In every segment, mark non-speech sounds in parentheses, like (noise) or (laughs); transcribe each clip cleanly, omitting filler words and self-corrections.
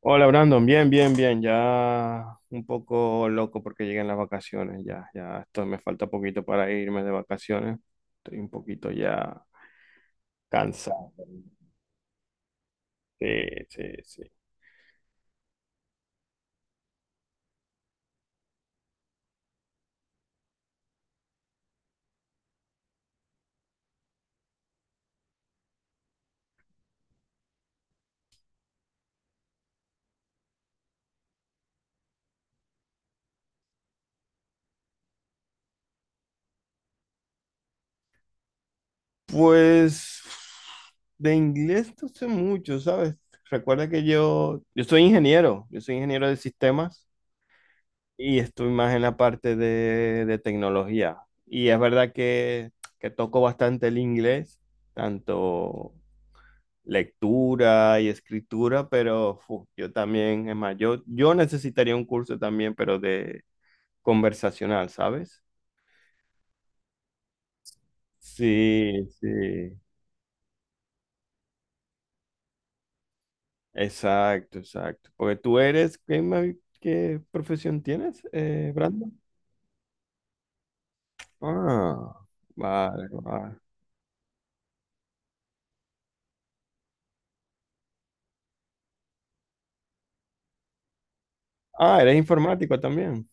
Hola, Brandon. Bien, bien, bien, ya un poco loco porque llegan las vacaciones. Ya, ya, esto me falta poquito para irme de vacaciones, estoy un poquito ya cansado. Sí, sí, sí. Pues de inglés no sé mucho, ¿sabes? Recuerda que yo soy ingeniero, yo soy ingeniero de sistemas y estoy más en la parte de tecnología. Y es verdad que toco bastante el inglés, tanto lectura y escritura, pero yo también, es más, yo necesitaría un curso también, pero de conversacional, ¿sabes? Sí, sí, exacto, exacto. Porque tú eres... ¿Qué, qué profesión tienes, Brandon? Ah, vale, vale. Ah, eres informático también.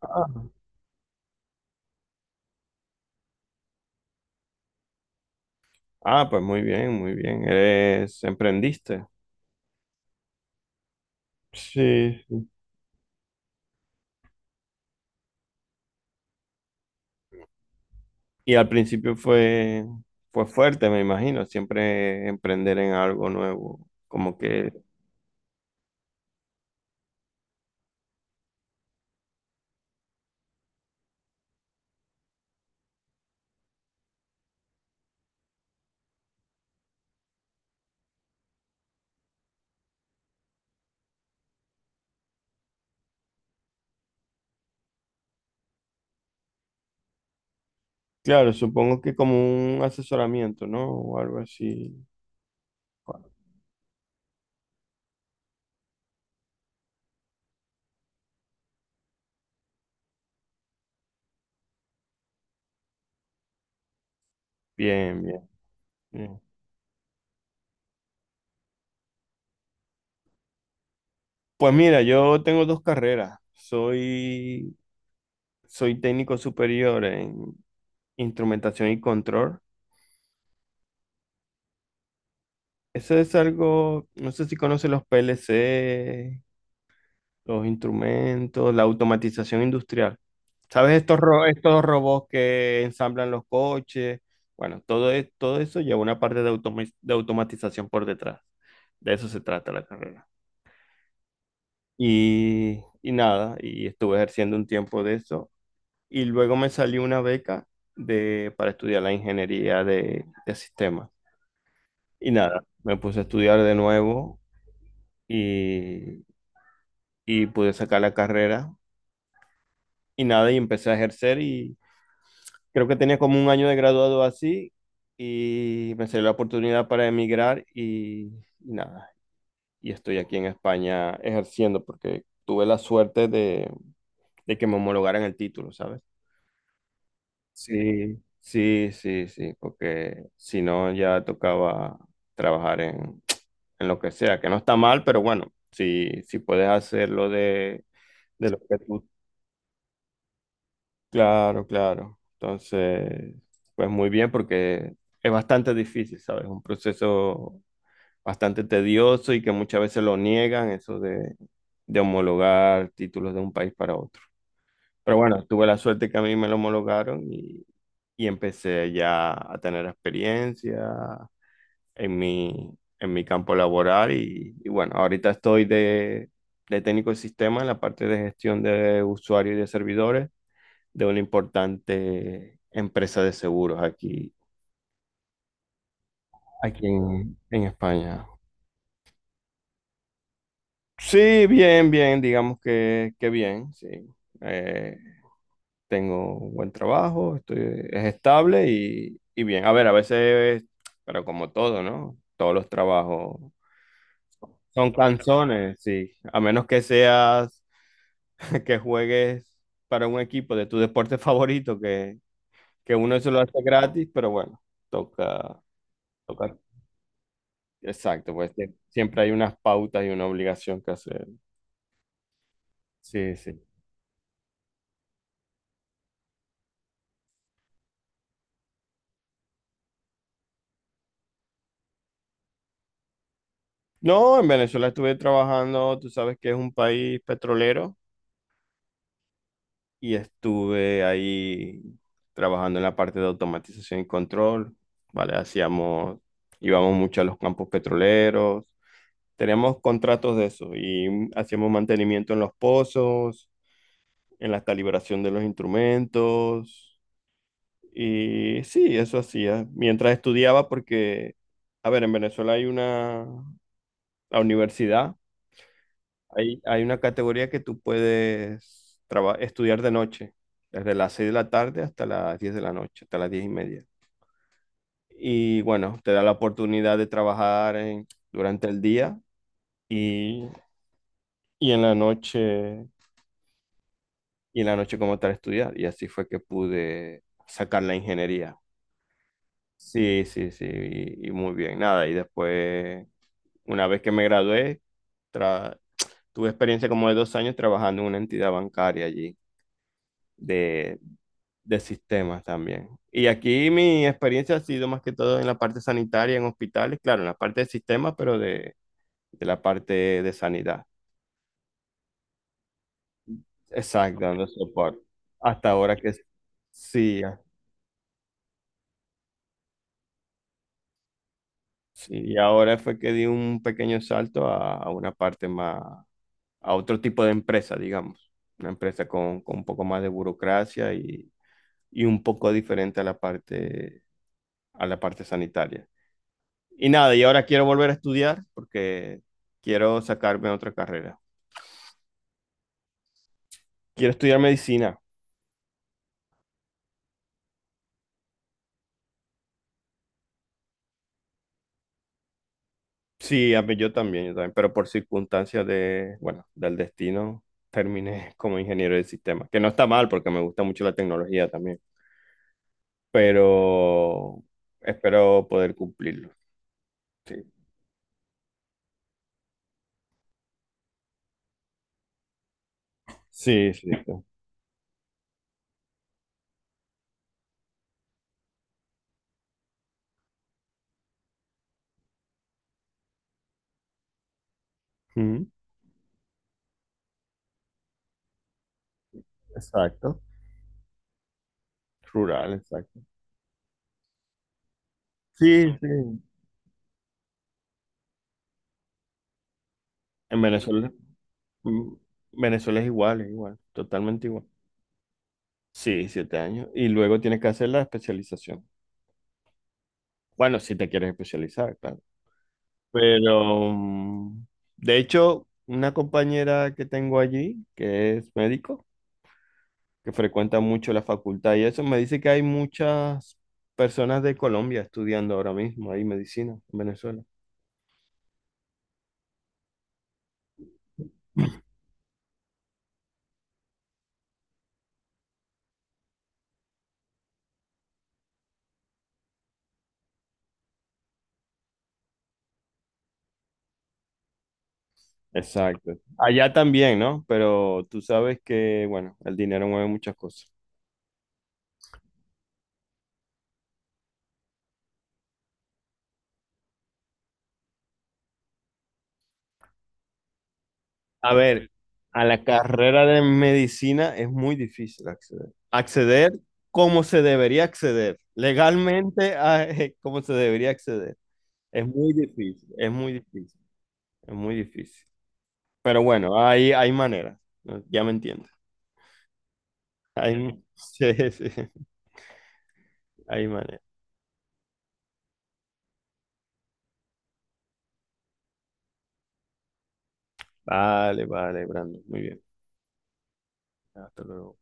Ah, ah, pues muy bien, muy bien. Emprendiste. Sí. Y al principio fue fuerte, me imagino, siempre emprender en algo nuevo. Como que, claro, supongo que como un asesoramiento, ¿no? O algo así. Bien, bien, bien. Pues mira, yo tengo dos carreras. Soy técnico superior en instrumentación y control. Eso es algo, no sé si conoces los PLC, los instrumentos, la automatización industrial. ¿Sabes estos, estos robots que ensamblan los coches? Bueno, todo, todo eso lleva una parte de automatización por detrás. De eso se trata la carrera. Y nada, y estuve ejerciendo un tiempo de eso. Y luego me salió una beca para estudiar la ingeniería de sistemas. Y nada, me puse a estudiar de nuevo y, y pude sacar la carrera. Y nada, y empecé a ejercer, y creo que tenía como un año de graduado así y me salió la oportunidad para emigrar y nada, y estoy aquí en España ejerciendo porque tuve la suerte de que me homologaran el título, ¿sabes? Sí, sí, sí, sí, porque si no ya tocaba trabajar en lo que sea, que no está mal, pero bueno, si puedes hacerlo de lo que tú... Claro, claro. Entonces, pues muy bien porque es bastante difícil, ¿sabes? Un proceso bastante tedioso y que muchas veces lo niegan, eso de homologar títulos de un país para otro. Pero bueno, tuve la suerte que a mí me lo homologaron y empecé ya a tener experiencia en mi, en mi campo laboral. Y bueno, ahorita estoy de técnico de sistema en la parte de gestión de usuarios y de servidores de una importante empresa de seguros aquí, aquí en España. Sí, bien, bien, digamos que bien, sí. Eh, tengo un buen trabajo, es estable y bien. A ver, a veces, pero como todo, ¿no? Todos los trabajos son canzones, sí. A menos que seas, (laughs) que juegues para un equipo de tu deporte favorito, que, uno eso lo hace gratis, pero bueno, toca, toca. Exacto, pues siempre hay unas pautas y una obligación que hacer. Sí, sí. No, en Venezuela estuve trabajando, tú sabes que es un país petrolero y estuve ahí trabajando en la parte de automatización y control, ¿vale? Íbamos mucho a los campos petroleros, teníamos contratos de eso y hacíamos mantenimiento en los pozos, en la calibración de los instrumentos y sí, eso hacía mientras estudiaba porque, a ver, en Venezuela hay una la universidad. Hay una categoría que tú puedes estudiar de noche, desde las 6 de la tarde hasta las 10 de la noche, hasta las 10 y media. Y bueno, te da la oportunidad de trabajar durante el día y, y en la noche, y en la noche como tal estudiar. Y así fue que pude sacar la ingeniería. Sí, sí, sí, y muy bien, nada. Y después, una vez que me gradué, tra- tuve experiencia como de 2 años trabajando en una entidad bancaria allí de, de sistemas también. Y aquí mi experiencia ha sido más que todo en la parte sanitaria, en hospitales, claro, en la parte de sistemas, pero de la parte de sanidad. Exacto, dando soporte. Hasta ahora que... Sí, sí. Y ahora fue que di un pequeño salto a una parte más, a otro tipo de empresa, digamos. Una empresa con un poco más de burocracia y un poco diferente a la parte sanitaria. Y nada, y ahora quiero volver a estudiar porque quiero sacarme otra carrera. Quiero estudiar medicina. Sí, yo también, pero por circunstancias de, bueno, del destino, terminé (laughs) como ingeniero de sistemas que no está mal porque me gusta mucho la tecnología también, pero espero poder cumplirlo. Sí, sí, sí. Sí. Ujú. Exacto. Rural, exacto. Sí, sí. En Venezuela, mm, Venezuela es igual, totalmente igual. Sí, 7 años. Y luego tienes que hacer la especialización. Bueno, si te quieres especializar, claro. Pero, de hecho, una compañera que tengo allí, que es médico, que frecuenta mucho la facultad y eso, me dice que hay muchas personas de Colombia estudiando ahora mismo ahí medicina en Venezuela. (laughs) Exacto. Allá también, ¿no? Pero tú sabes que, bueno, el dinero mueve muchas cosas. A ver, a la carrera de medicina es muy difícil acceder. Acceder como se debería acceder, legalmente (laughs) como se debería acceder. Es muy difícil, es muy difícil, es muy difícil. Pero bueno, hay maneras, ¿no? Ya me entiendes. Hay, (laughs) sí, sí, hay maneras. Vale, vale, Brando, muy bien. Hasta luego.